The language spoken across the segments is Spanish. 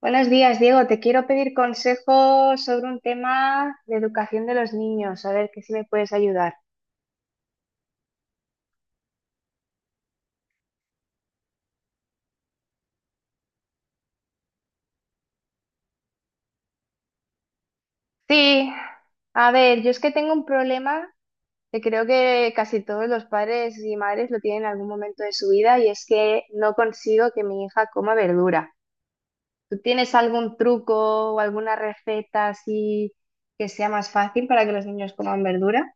Buenos días, Diego. Te quiero pedir consejo sobre un tema de educación de los niños. A ver, que si me puedes ayudar. Sí, a ver, yo es que tengo un problema que creo que casi todos los padres y madres lo tienen en algún momento de su vida y es que no consigo que mi hija coma verdura. ¿Tú tienes algún truco o alguna receta así que sea más fácil para que los niños coman verdura?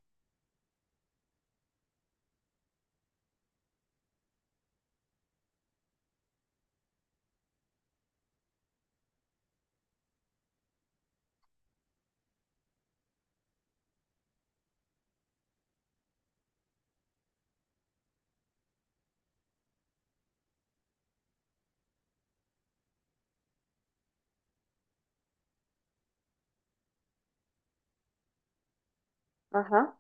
Ajá.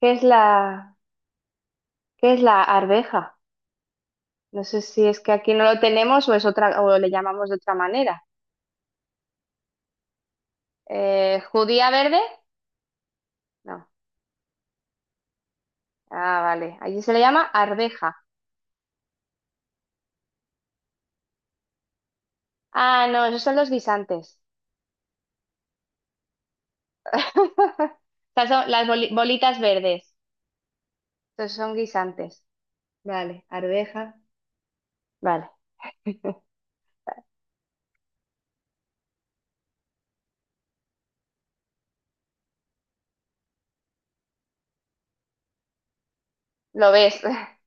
¿Qué es qué es la arveja? No sé si es que aquí no lo tenemos o es otra, o le llamamos de otra manera. ¿Judía verde? No. Ah, vale. Allí se le llama arveja. Ah, no, esos son los guisantes. Estas son las bolitas verdes. Estos son guisantes. Vale, arveja. Vale. Lo ves.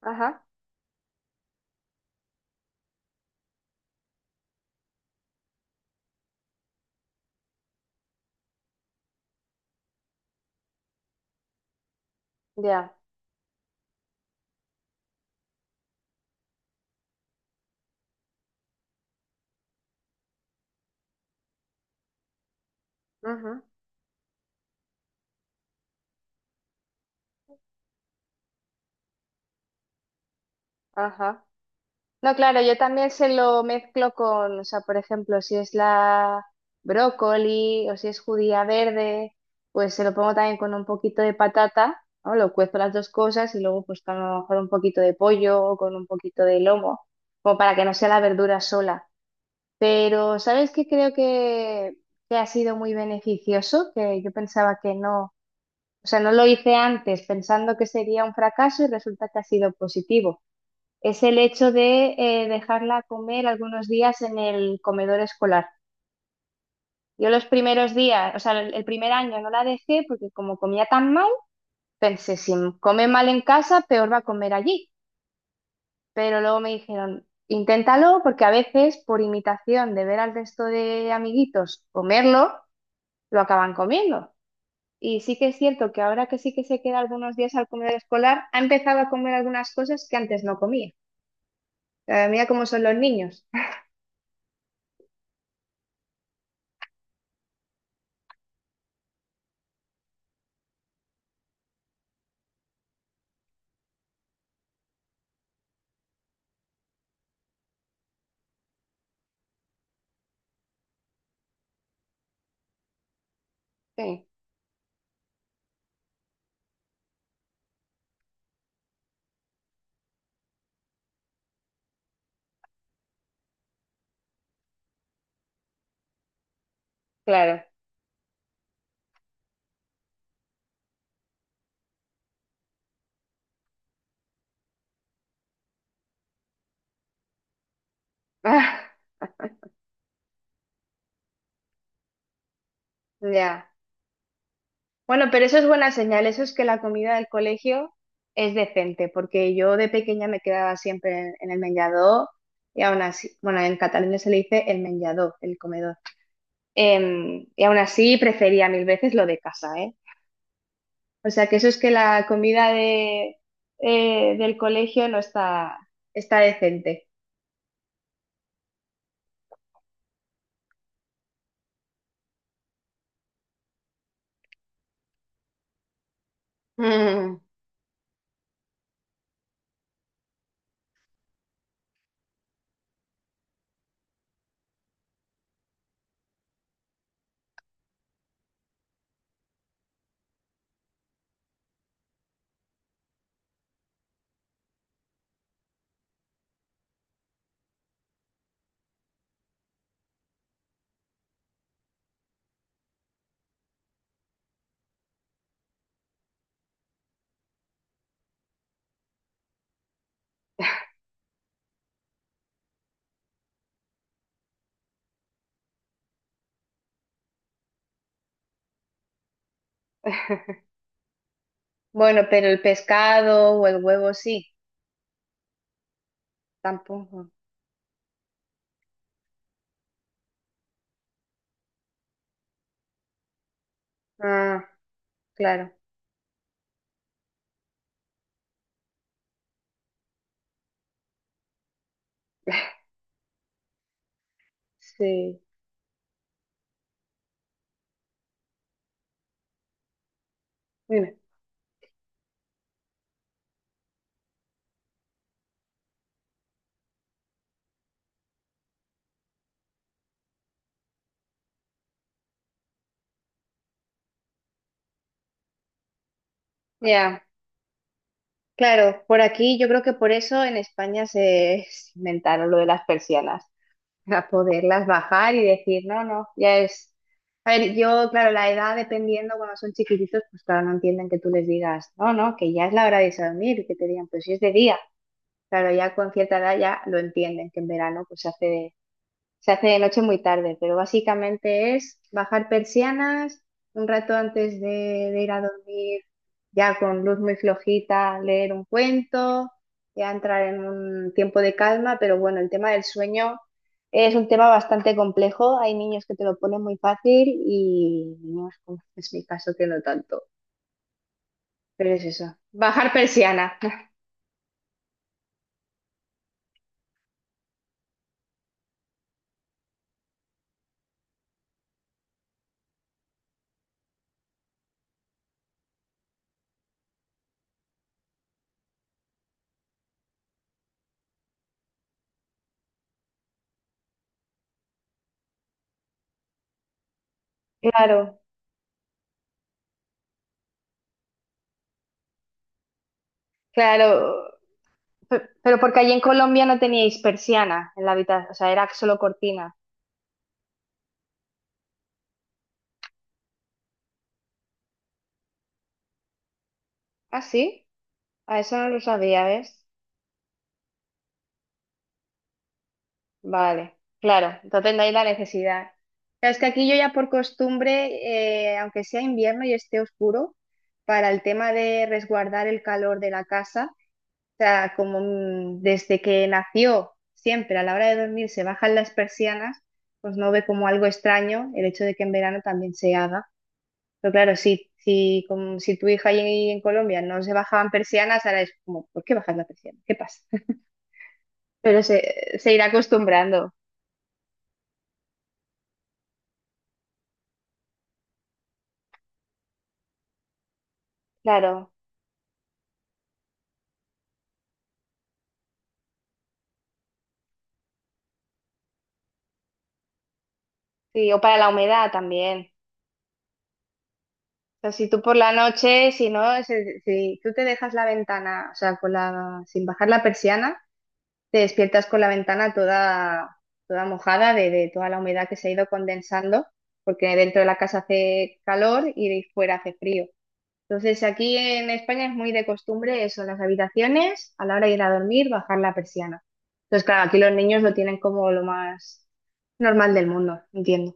Ajá, ya. Ujú, ajá. No, claro, yo también se lo mezclo con, o sea, por ejemplo, si es la brócoli o si es judía verde, pues se lo pongo también con un poquito de patata, ¿no? Lo cuezo las dos cosas y luego pues con a lo mejor un poquito de pollo o con un poquito de lomo, como para que no sea la verdura sola. Pero, ¿sabes qué creo que ha sido muy beneficioso? Que yo pensaba que no, o sea, no lo hice antes pensando que sería un fracaso y resulta que ha sido positivo es el hecho de dejarla comer algunos días en el comedor escolar. Yo los primeros días, o sea, el primer año no la dejé porque como comía tan mal, pensé, si come mal en casa, peor va a comer allí. Pero luego me dijeron, inténtalo porque a veces por imitación de ver al resto de amiguitos comerlo, lo acaban comiendo. Y sí que es cierto que ahora que sí que se queda algunos días al comedor escolar, ha empezado a comer algunas cosas que antes no comía. Mira cómo son los niños. Sí, claro. Ah, ya. Bueno, pero eso es buena señal. Eso es que la comida del colegio es decente, porque yo de pequeña me quedaba siempre en el menjador y aún así, bueno, en Cataluña se le dice el menjador, el comedor. Y aún así prefería mil veces lo de casa, ¿eh? O sea que eso es que la comida de, del colegio no está, está decente. Mm. Bueno, pero el pescado o el huevo sí, tampoco. Ah, claro, sí. Ya, claro, por aquí yo creo que por eso en España se inventaron lo de las persianas, para poderlas bajar y decir, no, no, ya es… A ver, yo, claro, la edad dependiendo, cuando son chiquititos, pues claro, no entienden que tú les digas, no, no, que ya es la hora de irse a dormir, y que te digan, pues si es de día. Claro, ya con cierta edad ya lo entienden, que en verano pues se hace de noche muy tarde, pero básicamente es bajar persianas un rato antes de ir a dormir, ya con luz muy flojita, leer un cuento, ya entrar en un tiempo de calma, pero bueno, el tema del sueño es un tema bastante complejo. Hay niños que te lo ponen muy fácil y niños, como es mi caso, que no tanto. Pero es eso, bajar persiana. Claro, claro. Pero porque allí en Colombia no teníais persiana en la habitación, o sea, era solo cortina. Ah, sí, a eso no lo sabía, ¿ves? Vale, claro, entonces no hay la necesidad. Claro, es que aquí yo ya por costumbre, aunque sea invierno y esté oscuro, para el tema de resguardar el calor de la casa, o sea, como desde que nació, siempre a la hora de dormir se bajan las persianas, pues no ve como algo extraño el hecho de que en verano también se haga. Pero claro, sí. Si, como, si tu hija ahí en Colombia no se bajaban persianas, ahora es como, ¿por qué bajas la persiana? ¿Qué pasa? Pero se irá acostumbrando. Claro, sí, o para la humedad también. O sea, si tú por la noche, si no, si, tú te dejas la ventana, o sea, con la, sin bajar la persiana, te despiertas con la ventana toda, toda mojada de toda la humedad que se ha ido condensando, porque dentro de la casa hace calor y de fuera hace frío. Entonces, aquí en España es muy de costumbre eso, en las habitaciones, a la hora de ir a dormir, bajar la persiana. Entonces, claro, aquí los niños lo tienen como lo más normal del mundo, entiendo.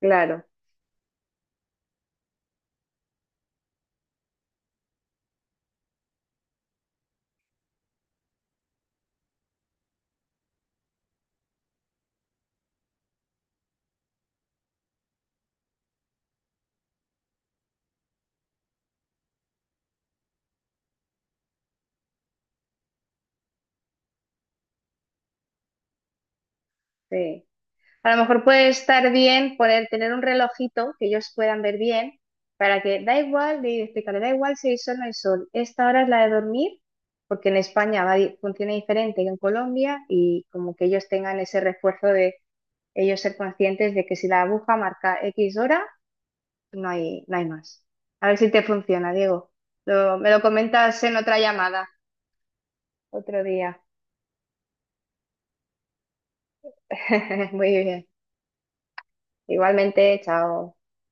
Claro, sí. A lo mejor puede estar bien poner, tener un relojito que ellos puedan ver bien, para que da igual, de explicarle, da igual si hay sol o no hay sol. Esta hora es la de dormir, porque en España va, funciona diferente que en Colombia, y como que ellos tengan ese refuerzo de ellos ser conscientes de que si la aguja marca X hora, no hay, no hay más. A ver si te funciona, Diego. Me lo comentas en otra llamada, otro día. Muy bien. Igualmente, chao.